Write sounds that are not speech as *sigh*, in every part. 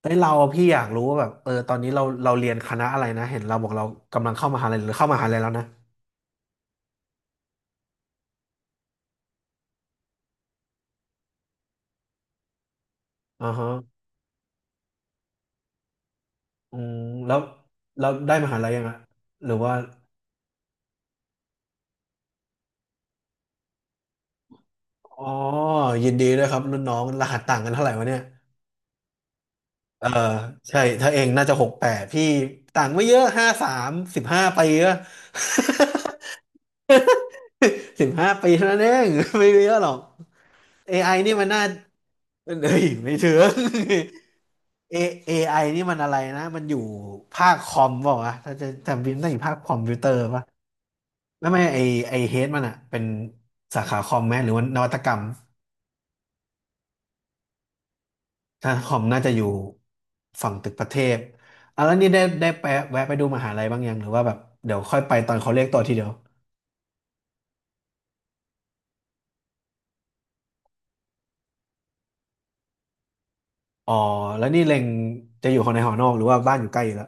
เฮ้ยเราพี่อยากรู้ว่าแบบตอนนี้เราเรียนคณะอะไรนะเห็นเราบอกเรากำลังเข้ามหาลัยหรือเข้ามหาลัยแล้วนะอ่าฮะอืมแล้วแล้วได้มหาลัยยังอะหรือว่าอ๋อยินดีด้วยครับรุ่นน้องรหัสต่างกันเท่าไหร่วะเนี่ยเออใช่ถ้าเองน่าจะหกแปดพี่ต่างไม่เยอะห้าสามสิบห้าปีอะ *laughs* สิบห้าปีเท่านั้นเอง *laughs* ไม่เยอะหรอก a อไอนี่มันน่าเอ้ยไม่เถือง เอ AI นี่มันอะไรนะมันอยู่ภาคคอมเปล่าวะถ้าจะจำบินต้องอยู่ภาคคอมพิวเตอร์ป่ะแม่ไม่ไอไอเฮดมันอะเป็นสาขาคอมไหมหรือว่านวัตกรรมถ้าคอมน่าจะอยู่ฝั่งตึกประเทศอ่ะแล้วนี่ได้ไปแวะไปดูมหาลัยบ้างยังหรือว่าแบบเดี๋ยวค่อยไปตอนเขาเรียกตัวทีเดียวอ๋อแล้วนี่เล็งจะอยู่คนในหอนอกหรือว่าบ้านอยู่ใกล้อยู่แล้ว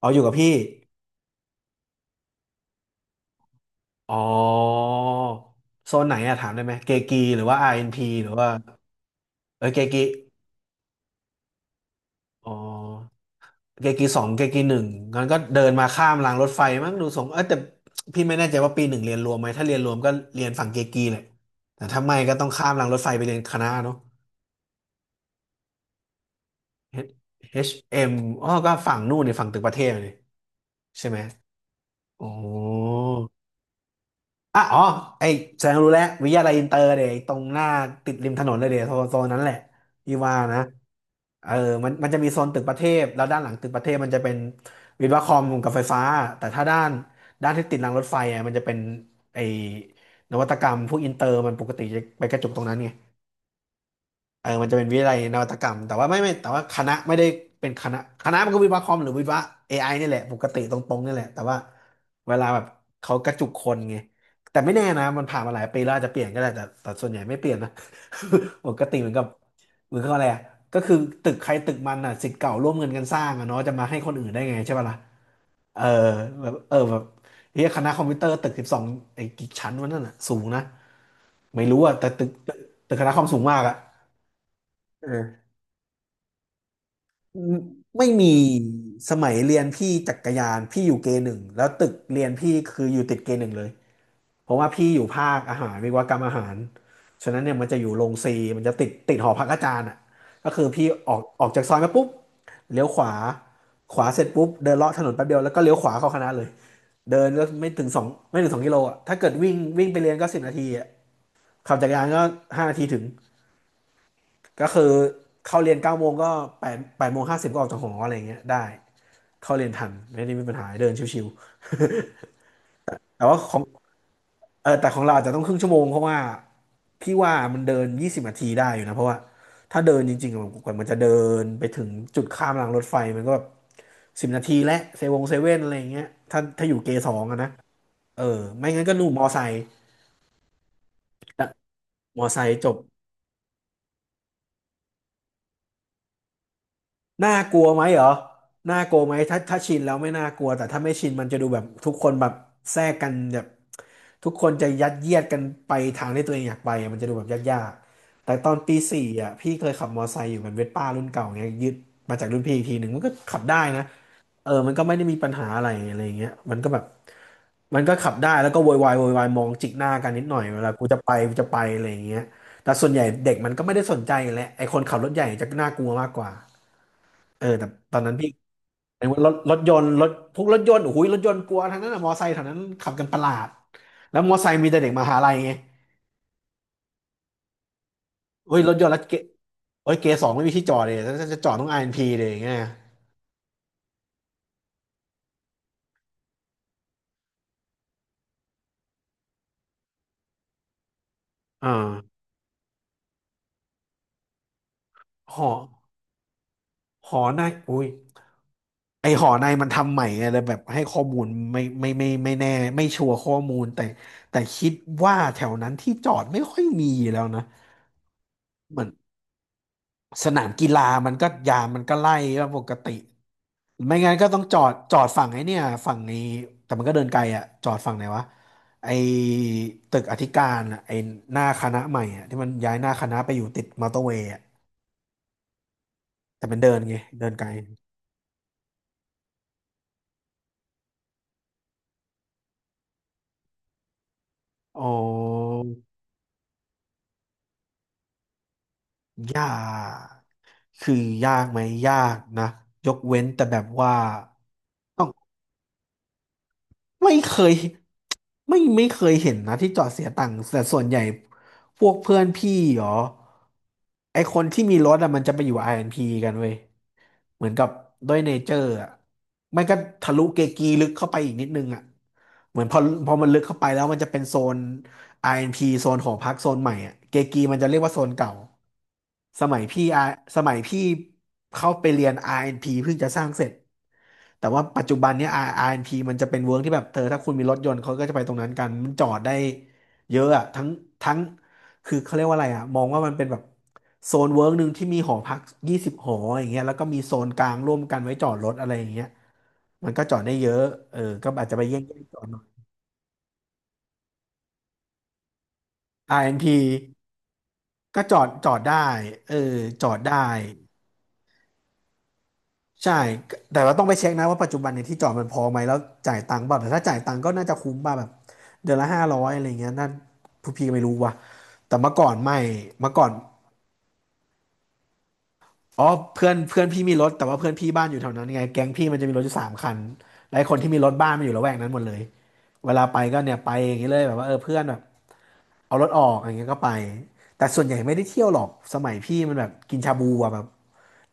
อ๋ออยู่กับพี่อ๋อโซนไหนอะถามได้ไหมเกกีหรือว่าอาร์เอ็นพีหรือว่าเออเกกีอ๋อ เกกีสองเกกีหนึ่งงั้นก็เดินมาข้ามรางรถไฟมั้งดูทรงเออแต่พี่ไม่แน่ใจว่าปีหนึ่งเรียนรวมไหมถ้าเรียนรวมก็เรียนฝั่งเกกีแหละแต่ถ้าไม่ก็ต้องข้ามรางรถไฟไปเรียนคณะเนาะ H- m อชเอ็มอ๋อก็ฝั่งนู่นนี่ฝั่งตึกประเทศนี่ใช่ไหมอ๋อ อ่ะอ๋อไอแสดงรู้แล้ววิทยาลัยอินเตอร์เดี่ยไตรงหน้าติดริมถนนเลยเดี๋ยวโซนนั้นแหละพี่ว่านะเออมันจะมีโซนตึกประเทศแล้วด้านหลังตึกประเทศมันจะเป็นวิศวะคอมกับไฟฟ้าแต่ถ้าด้านที่ติดรางรถไฟอ่ะมันจะเป็นไอนวัตกรรมพวกอินเตอร์มันปกติจะไปกระจุกตรงนั้นไง เออมันจะเป็นวิทยาลัยนวัตกรรม แต่ว่าไม่แต่ว่าคณะไม่ได้เป็นคณะคณะมันก็วิศวะคอมหรือวิศวะ AI นี่แหละ ปกติตรงๆนี่แหละ แต่ว่าเวลาแบบเขากระจุกคนไงแต่ไม่แน่นะ มันผ่านมาหลายปีแล้วอาจจะเปลี่ยนก็ได้แต่ส่วนใหญ่ไม่เปลี่ยนนะ *laughs* ปกติเหมือนกับอะไรอะก็คือตึกใครตึกมันอ่ะศิษย์เก่าร่วมเงินกันสร้างอ่ะเนาะจะมาให้คนอื่นได้ไงใช่ป่ะล่ะเออเออแบบเฮียคณะคอมพิวเตอร์ตึกสิบสองไอ้กี่ชั้นวะนั่นอ่ะสูงนะไม่รู้อ่ะแต่ตึกคณะคอมสูงมากอ่ะเออ ไม่มีสมัยเรียนพี่จักรยานพี่อยู่เกหนึ่งแล้วตึกเรียนพี่คืออยู่ติดเกหนึ่งเลยเพราะว่าพี่อยู่ภาคอาหารวิศวกรรมอาหารฉะนั้นเนี่ยมันจะอยู่โรงซีมันจะติดหอพักอาจารย์อ่ะก็คือพี่ออกจากซอยมาปุ๊บเลี้ยวขวาเสร็จปุ๊บเดินเลาะถนนแป๊บเดียวแล้วก็เลี้ยวขวาเข้าคณะเลยเดินก็ไม่ถึงสองกิโลอ่ะถ้าเกิดวิ่งวิ่งไปเรียนก็สิบนาทีอ่ะขับจักรยานก็ห้านาทีถึงก็คือเข้าเรียนเก้าโมงก็แปดโมงห้าสิบก็ออกจากหออะไรอย่างเงี้ยได้ เข้าเรียนทันไม่ได้มีปัญหาเดินชิวๆ แต่ว่าของเออแต่ของเราอาจจะต้องครึ่งชั่วโมงเพราะว่าพี่ว่ามันเดินยี่สิบนาทีได้อยู่นะเพราะว่าถ้าเดินจริงๆอะกว่ามันจะเดินไปถึงจุดข้ามรางรถไฟมันก็แบบสิบนาทีและเซเวงเซเว่นอะไรอย่างเงี้ยถ้าอยู่เกสองอะนะเออไม่งั้นก็นู่นมอไซค์มอไซค์จบ น่ากลัวไหมเหรอน่ากลัวไหมถ้าชินแล้วไม่น่ากลัว แต่ถ้าไม่ชินมันจะดูแบบทุกคนแบบแทรกกันแบบทุกคนจะยัดเยียดกันไปทางที่ตัวเองอยากไปอะมันจะดูแบบยากๆแต่ตอนปีสี่อ่ะพี่เคยขับมอไซค์อยู่เป็นเวสป้ารุ่นเก่าไงยึดมาจากรุ่นพี่อีกทีหนึ่งมันก็ขับได้นะเออมันก็ไม่ได้มีปัญหาอะไรอะไรอย่างเงี้ยมันก็แบบมันก็ขับได้แล้วก็โวยวายมองจิกหน้ากันนิดหน่อยเวลากูจะไปอะไรอย่างเงี้ยแต่ส่วนใหญ่เด็กมันก็ไม่ได้สนใจอยู่แล้วไอ้คนขับรถใหญ่จะน่ากลัวมากกว่า เออแต่ตอนนั้นพี่เรียกว่ารถยนต์พวกรถยนต์โอ้โหรถยนต์กลัวทั้งนั้นอะมอไซค์แถวนั้นขับกันประหลาดแล้วมอไซค์มีแต่เด็กมหาลัยไงเฮ้ยรถยนต์แล้วเกเฮ้ยเกสองไม่มีที่จอดเลยถ้าจะจอดต้องไอเอ็นพีเลยอย่างเงี้ยอ่าหอหอในอุ้ยไอหอในมันทำใหม่ไงเลยแบบให้ข้อมูลไม่แน่ไม่ชัวร์ข้อมูลแต่แต่คิดว่าแถวนั้นที่จอดไม่ค่อยมีแล้วนะ สนามกีฬามันก็ยามมันก็ไล่ว่าปกติไม่งั้นก็ต้องจอดฝั่งไอ้เนี่ยฝั่งนี้แต่มันก็เดินไกลอะจอดฝั่งไหนวะไอ้ตึกอธิการอะไอ้หน้าคณะใหม่อะที่มันย้ายหน้าคณะไปอยู่ติดมอเตอร์เวย์อะแต่มันเดินไงเดินไกลอ๋อยากคือยากไหมยากนะยกเว้นแต่แบบว่าต้อง ไม่เคยไม่เคยเห็นนะที่จอดเสียตังค์แต่ส่วนใหญ่พวกเพื่อนพี่เหรอไอคนที่มีรถอะมันจะไปอยู่อาร์แอนด์พ p กันเว้ยเหมือนกับด้วยเนเจอร์อะไม่ก็ทะลุเกกีลึกเข้าไปอีกนิดนึงอะเหมือนพอมันลึกเข้าไปแล้วมันจะเป็นโซน RNP โซนของพรรคโซนใหม่อะเกกีมันจะเรียกว่าโซนเก่าสมัยพี่อาสมัยพี่เข้าไปเรียน RNP เอ็นพเพิ่งจะสร้างเสร็จแต่ว่าปัจจุบันเนี้ย R N P มันจะเป็นเวิร์กที่แบบเธอถ้าคุณมีรถยนต์เขาก็จะไปตรงนั้นกันมันจอดได้เยอะอะทั้งคือเขาเรียกว่าอะไรอะมองว่ามันเป็นแบบโซนเวิร์กหนึ่งที่มีหอพัก20 หออย่างเงี้ยแล้วก็มีโซนกลางร่วมกันไว้จอดรถอะไรอย่างเงี้ยมันก็จอดได้เยอะเออก็อาจจะไปแย่งๆจอดหน่อย RNP ก็จอดได้เออจอดได้ใช่แต่เราต้องไปเช็คนะว่าปัจจุบันเนี่ยที่จอดมันพอไหมแล้วจ่ายตังค์เปล่าแต่ถ้าจ่ายตังค์ก็น่าจะคุ้มป่ะแบบเดือนละ500อะไรเงี้ยนั่นผู้พี่ก็ไม่รู้ว่ะแต่เมื่อก่อนไม่เมื่อก่อนอ๋อเพื่อนเพื่อนพี่มีรถแต่ว่าเพื่อนพี่บ้านอยู่แถวนั้นไงแก๊งพี่มันจะมีรถอยู่3 คันและไอ้คนที่มีรถบ้านมันอยู่ละแวกนั้นหมดเลยเวลาไปก็เนี่ยไปอย่างนี้เลยแบบว่าเออเพื่อนแบบเอารถออกอย่างเงี้ยก็ไปแต่ส่วนใหญ่ไม่ได้เที่ยวหรอกสมัยพี่มันแบบกินชาบูอะแบบ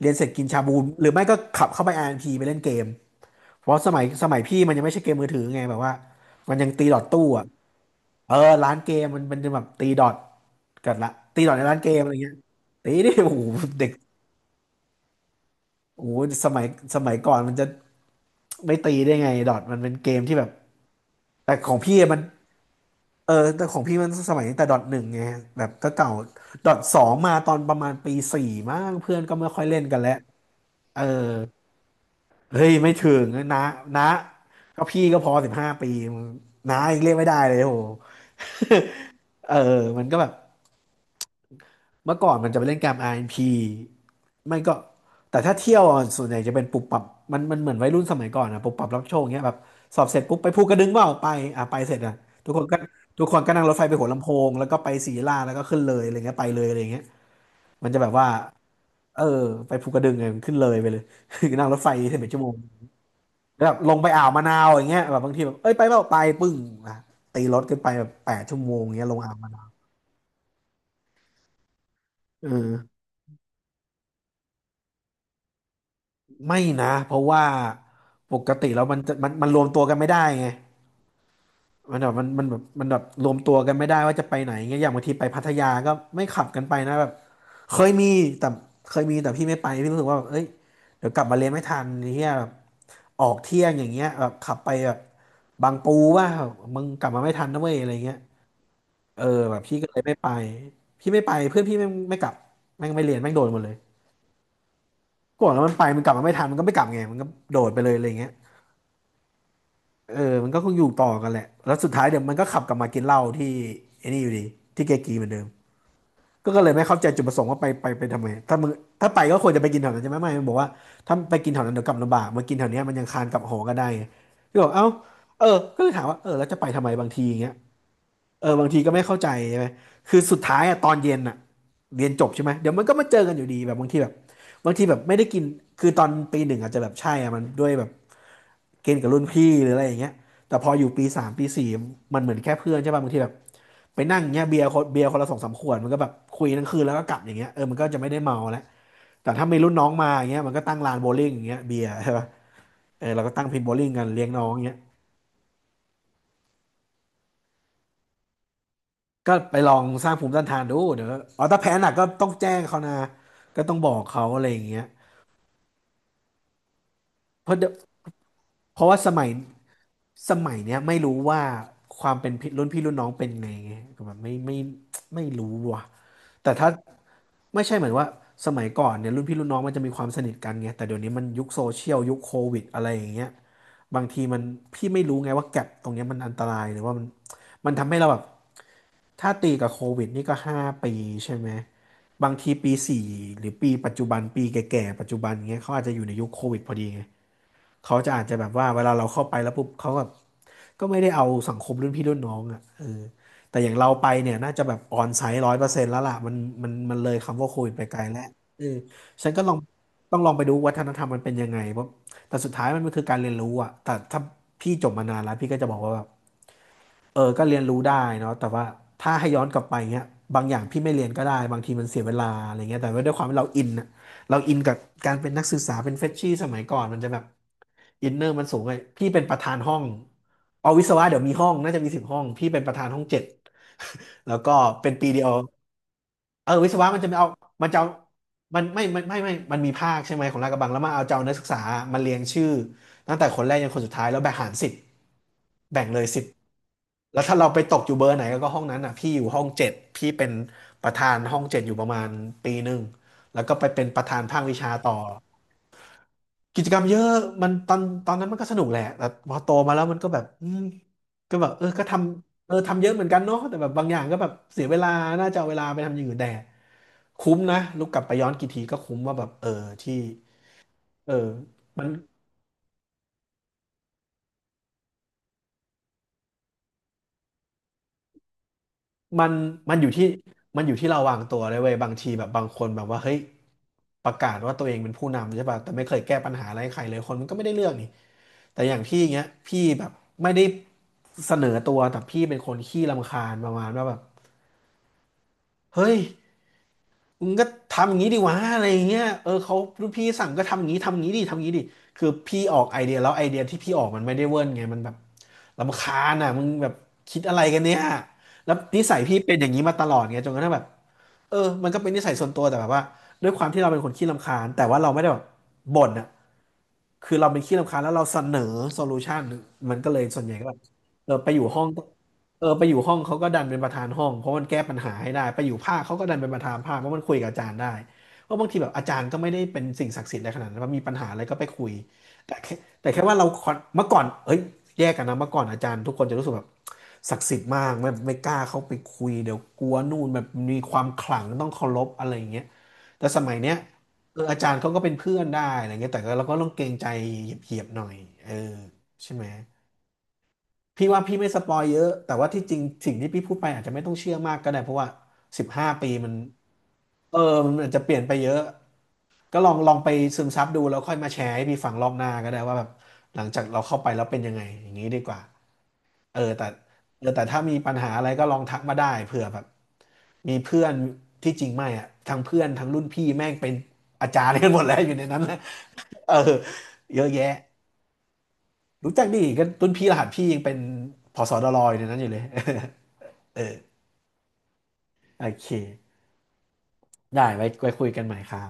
เรียนเสร็จกินชาบูหรือไม่ก็ขับเข้าไป r พีไปเล่นเกมเพราะสมัยพี่มันยังไม่ใช่เกมมือถือไงแบบว่ามันยังตีดอทตู้อ่ะเออร้านเกมมันจะแบบตีดอทกันละตีดอทในร้านเกมอะไรเงี้ยตีดิโอ้โหเด็กโอ้โหสมัยสมัยก่อนมันจะไม่ตีได้ไงดอทมันเป็นเกมที่แบบแต่ของพี่อะมันเออแต่ของพี่มันสมัยตั้งแต่ดอทหนึ่งไงแบบก็เก่าดอทสองมาตอนประมาณปีสี่มั้งเพื่อนก็ไม่ค่อยเล่นกันแล้วเออ เฮ้ยไม่ถึงนะนะก็พี่ก็พอ15 ปีมึงนะยังเรียกไม่ได้เลยโห *laughs* เออมันก็แบบเมื่อก่อนมันจะไปเล่นการ r พ p ไม่ก็แต่ถ้าเที่ยวอ่ะส่วนใหญ่จะเป็นปุบปับมันเหมือนวัยรุ่นสมัยก่อนอะปุบปับรับโชคเงี้ยแบบสอบเสร็จปุ๊บไปภูกระดึงเปล่าไปอ่ะไปเสร็จอ่ะทุกคนก็ทุกคนก็นั่งรถไฟไปหัวลำโพงแล้วก็ไปศรีลาแล้วก็ขึ้นเลยอะไรเงี้ยไปเลยอะไรเงี้ยมันจะแบบว่าเออไปภูกระดึงไงมันขึ้นเลยไปเลย *laughs* นั่งรถไฟ11 ชั่วโมง แบบลงไปอ่าวมะนาวอย่างเงี้ยแบบบางทีแบบเอ้ยไปเปล่าไปปึ้งอ่ะตีรถกันไปแบบ8 ชั่วโมงเงี้ยลงอ่าวมะนาวเออไม่นะเพราะว่าปกติแล้วมันจะมันรวมตัวกันไม่ได้ไงมันแบบมันมันแบบมันแบบรวมตัวกันไม่ได้ว่าจะไปไหนเงี้ยอย่างบางทีไปพัทยาก็ไม่ขับกันไปนะแบบเคยมีแต่เคยมีแต่พี่ไม่ไปพี่รู้สึกว่าแบบเอ้ยเดี๋ยวกลับมาเรียนไม่ทันเฮียแบบออกเที่ยงอย่างเงี้ยแบบขับไปแบบบางปูว่ามึงกลับมาไม่ทันนะเว้ยอะไรเงี้ย เออแบบพี่ก็เลยไม่ไปพี่ไม่ไปเพื่อนพี่ไม่กลับแม่งไม่เรียนแม่งโดนหมดเลยก่อนแล้วมันไปมันกลับมาไม่ทันมันก็ไม่กลับไงมันก็โดดไปเลยอะไรเงี้ยเออมันก็คงอยู่ต่อกันแหละแล้วสุดท้ายเดี๋ยวมันก็ขับกลับมากินเหล้าที่ไอ้นี่อยู่ดีที่เกกีเหมือนเดิมก็เลยไม่เข้าใจจุดประสงค์ว่าไปทำไมถ้ามึงถ้าไปก็ควรจะไปกินแถวนั้นใช่ไหมไม่มันบอกว่าถ้าไปกินแถวนั้นเดี๋ยวกลับลำบากมากินแถวเนี้ยมันยังคานกลับหอก็ได้ไงก็บอกเอ้าเออก็เลยถามว่าเออแล้วจะไปทำไมบางทีอย่างเงี้ย เออบางทีก็ไม่เข้าใจใช่ไหมคือสุดท้ายอะตอนเย็นอะเรียนจบใช่ไหมเดี๋ยวมันก็มาเจอกันอยู่ดีแบบบางทีแบบไม่ได้กินคือตอนปีหนึ่งอาจจะแบบใช่อะมันด้วยแบบเกณฑ์กับรุ่นพี่หรืออะไรอย่างเงี้ยแต่พออยู่ปีสามปีสี่มันเหมือนแค่เพื่อนใช่ป่ะบางทีแบบไปนั่งเงี้ยเบียร์คนเบียร์คนละสองสามขวดมันก็แบบคุยทั้งคืนแล้วก็กลับอย่างเงี้ยเออมันก็จะไม่ได้เมาแล้วแต่ถ้ามีรุ่นน้องมาอย่างเงี้ยมันก็ตั้งลานโบว์ลิ่งอย่างเงี้ยเบียร์ใช่ป่ะเออเราก็ตั้งพินโบว์ลิ่งกันเลี้ยงน้องเงี้ย ก็ไปลองสร้างภูมิต้านทานดูเดี๋ยวอ๋อถ้าแพ้หนักก็ต้องแจ้งเขานะก็ต้องบอกเขาอะไรอย่างเงี้ยเพราะเดี๋ยวเพราะว่าสมัยเนี้ยไม่รู้ว่าความเป็นพี่รุ่นพี่รุ่นน้องเป็นไงไงก็แบบไม่รู้ว่ะแต่ถ้าไม่ใช่เหมือนว่าสมัยก่อนเนี่ยรุ่นพี่รุ่นน้องมันจะมีความสนิทกันไงแต่เดี๋ยวนี้มันยุคโซเชียลยุคโควิดอะไรอย่างเงี้ยบางทีมันพี่ไม่รู้ไงว่าแก็ปตรงเนี้ยมันอันตรายหรือว่ามันทำให้เราแบบ ถ้าตีกับโควิดนี่ก็5 ปีใช่ไหมบางทีปีสี่หรือปีปัจจุบันปีแก่ๆปัจจุบันเงี้ยเขาอาจจะอยู่ในยุคโควิดพอดีไงเขาจะอาจจะแบบว่าเวลาเราเข้าไปแล้วปุ๊บเขาก็ไม่ได้เอาสังคมรุ่นพี่รุ่นน้องอ่ะเออแต่อย่างเราไปเนี่ยน่าจะแบบออนไซต์100%แล้วล่ะมันเลยคำว่าโควิดไปไกลแล้วเออฉันก็ลองต้องลองไปดูวัฒนธรรมมันเป็นยังไงเพราะแต่สุดท้ายมันก็คือการเรียนรู้อ่ะแต่ถ้าพี่จบมานานแล้วพี่ก็จะบอกว่าแบบ เออก็เรียนรู้ได้เนาะแต่ว่าถ้าให้ย้อนกลับไปเงี้ยบางอย่างพี่ไม่เรียนก็ได้บางทีมันเสียเวลาอะไรเงี้ยแต่ว่าด้วยความที่เราอินอะเราอินกับการเป็นนักศึกษาเป็นเฟรชชี่สมัยก่อนมันจะแบบอินเนอร์มันสูงไงพี่เป็นประธานห้องเอาวิศวะเดี๋ยวมีห้องน่าจะมี10 ห้องพี่เป็นประธานห้องเจ็ด *laughs* แล้วก็เป็นปีเดียวเออวิศวะมันจะไม่เอามันจะเอามันไม่ไม่ไม่ไม่มันมีภาคใช่ไหมของลาดกระบังแล้วมาเอาจะเอานักศึกษามาเรียงชื่อตั้งแต่คนแรกยันคนสุดท้ายแล้วแบ่งหาร 10แบ่ง10 แล้วถ้าเราไปตกอยู่เบอร์ไหนก็ห้องนั้นอ่ะพี่อยู่ห้องเจ็ดพี่เป็นประธานห้องเจ็ดอยู่ประมาณปีหนึ่งแล้วก็ไปเป็นประธานภาควิชาต่อกิจกรรมเยอะมันตอนนั้นมันก็สนุกแหละแต่พอโตมาแล้วมันก็แบบอืมก็แบบเออก็ทำเยอะเหมือนกันเนาะแต่แบบบางอย่างก็แบบเสียเวลาน่าจะเอาเวลาไปทำอย่างอื่นแต่คุ้มนะลูกกลับไปย้อนกี่ทีก็คุ้มว่าแบบเออที่เออมัน มันมันอยู่ที่มันอยู่ที่เราวางตัวเลยเว้ยบางทีแบบบางคนแบบว่าเฮ้ยประกาศว่าตัวเองเป็นผู้นำใช่ป่ะแต่ไม่เคยแก้ปัญหาอะไรให้ใครเลยคนมันก็ไม่ได้เรื่องนี่แต่อย่างพี่เงี้ยพี่แบบไม่ได้เสนอตัวแต่พี่เป็นคนขี้รำคาญประมาณว่าแบบเฮ้ย มึงก็ทำอย่างนี้ดีวะอะไรอย่างเงี้ยเออเขารุ่นพี่สั่งก็ทำอย่างนี้ทำอย่างนี้ดิคือพี่ออกไอเดียแล้วไอเดียที่พี่ออกมันไม่ได้เวิร์นไงมันแบบรำคาญอ่ะมึงแบบคิดอะไรกันเนี่ยแล้วนิสัยพี่เป็นอย่างนี้มาตลอดไงจนกระทั่งแบบเออมันก็เป็นนิสัยส่วนตัวแต่แบบว่าด้วยความที่เราเป็นคนขี้รำคาญแต่ว่าเราไม่ได้แบบบ่นอ่ะ คือเราเป็นขี้รำคาญแล้วเราเสนอโซลูชันมันก็เลยส่วนใหญ่ก็แบบเออไปอยู่ห้องเออไปอยู่ห้องเขาก็ดันเป็นประธานห้องเพราะมันแก้ปัญหาให้ได้ไปอยู่ภาคเขาก็ดันเป็นประธานภาคเพราะมันคุยกับอาจารย์ได้เพราะบางทีแบบอาจารย์ก็ไม่ได้เป็นสิ่งศักดิ์สิทธิ์อะไรขนาดนั้นว่ามีปัญหาอะไรก็ไปคุยแต่แค่แต่แค่ว่าเราคอนเมื่อก่อนเอ้ยแยกกันนะเมื่อก่อนอาจารย์ทุกคนจะรู้สึกแบบศักดิ์สิทธิ์มากไม่กล้าเข้าไปคุยเดี๋ยวกลัวนู่นแบบมีความขลังต้องเคารพอะไรอย่างเงี้ยแต่สมัยเนี้ย เอออาจารย์เขาก็เป็นเพื่อนได้อะไรเงี้ยแต่ก็เราก็ต้องเกรงใจเหยียบๆหน่อยเออใช่ไหมพี่ว่าพี่ไม่สปอยเยอะแต่ว่าที่จริงสิ่งที่พี่พูดไปอาจจะไม่ต้องเชื่อมากก็ได้เพราะว่า15 ปีมันเออมันอาจจะเปลี่ยนไปเยอะก็ลองไปซึมซับดูแล้วค่อยมาแชร์ให้พี่ฟังรอบหน้าก็ได้ว่าแบบหลังจากเราเข้าไปแล้วเป็นยังไงอย่างนี้ดีกว่าเออแต่เออแต่ถ้ามีปัญหาอะไรก็ลองทักมาได้เผื่อแบบมีเพื่อนที่จริงไม่อะทั้งเพื่อนทั้งรุ่นพี่แม่งเป็นอาจารย์กันหมดแล้วอยู่ในนั้นแะ เออเยอะแยะรู้จักดิกันรุ่นพี่รหัสพี่ยังเป็นผสดรอยในนั้นอยู่เลย *laughs* เออโอเคได้ไว้คุยกันใหม่ครับ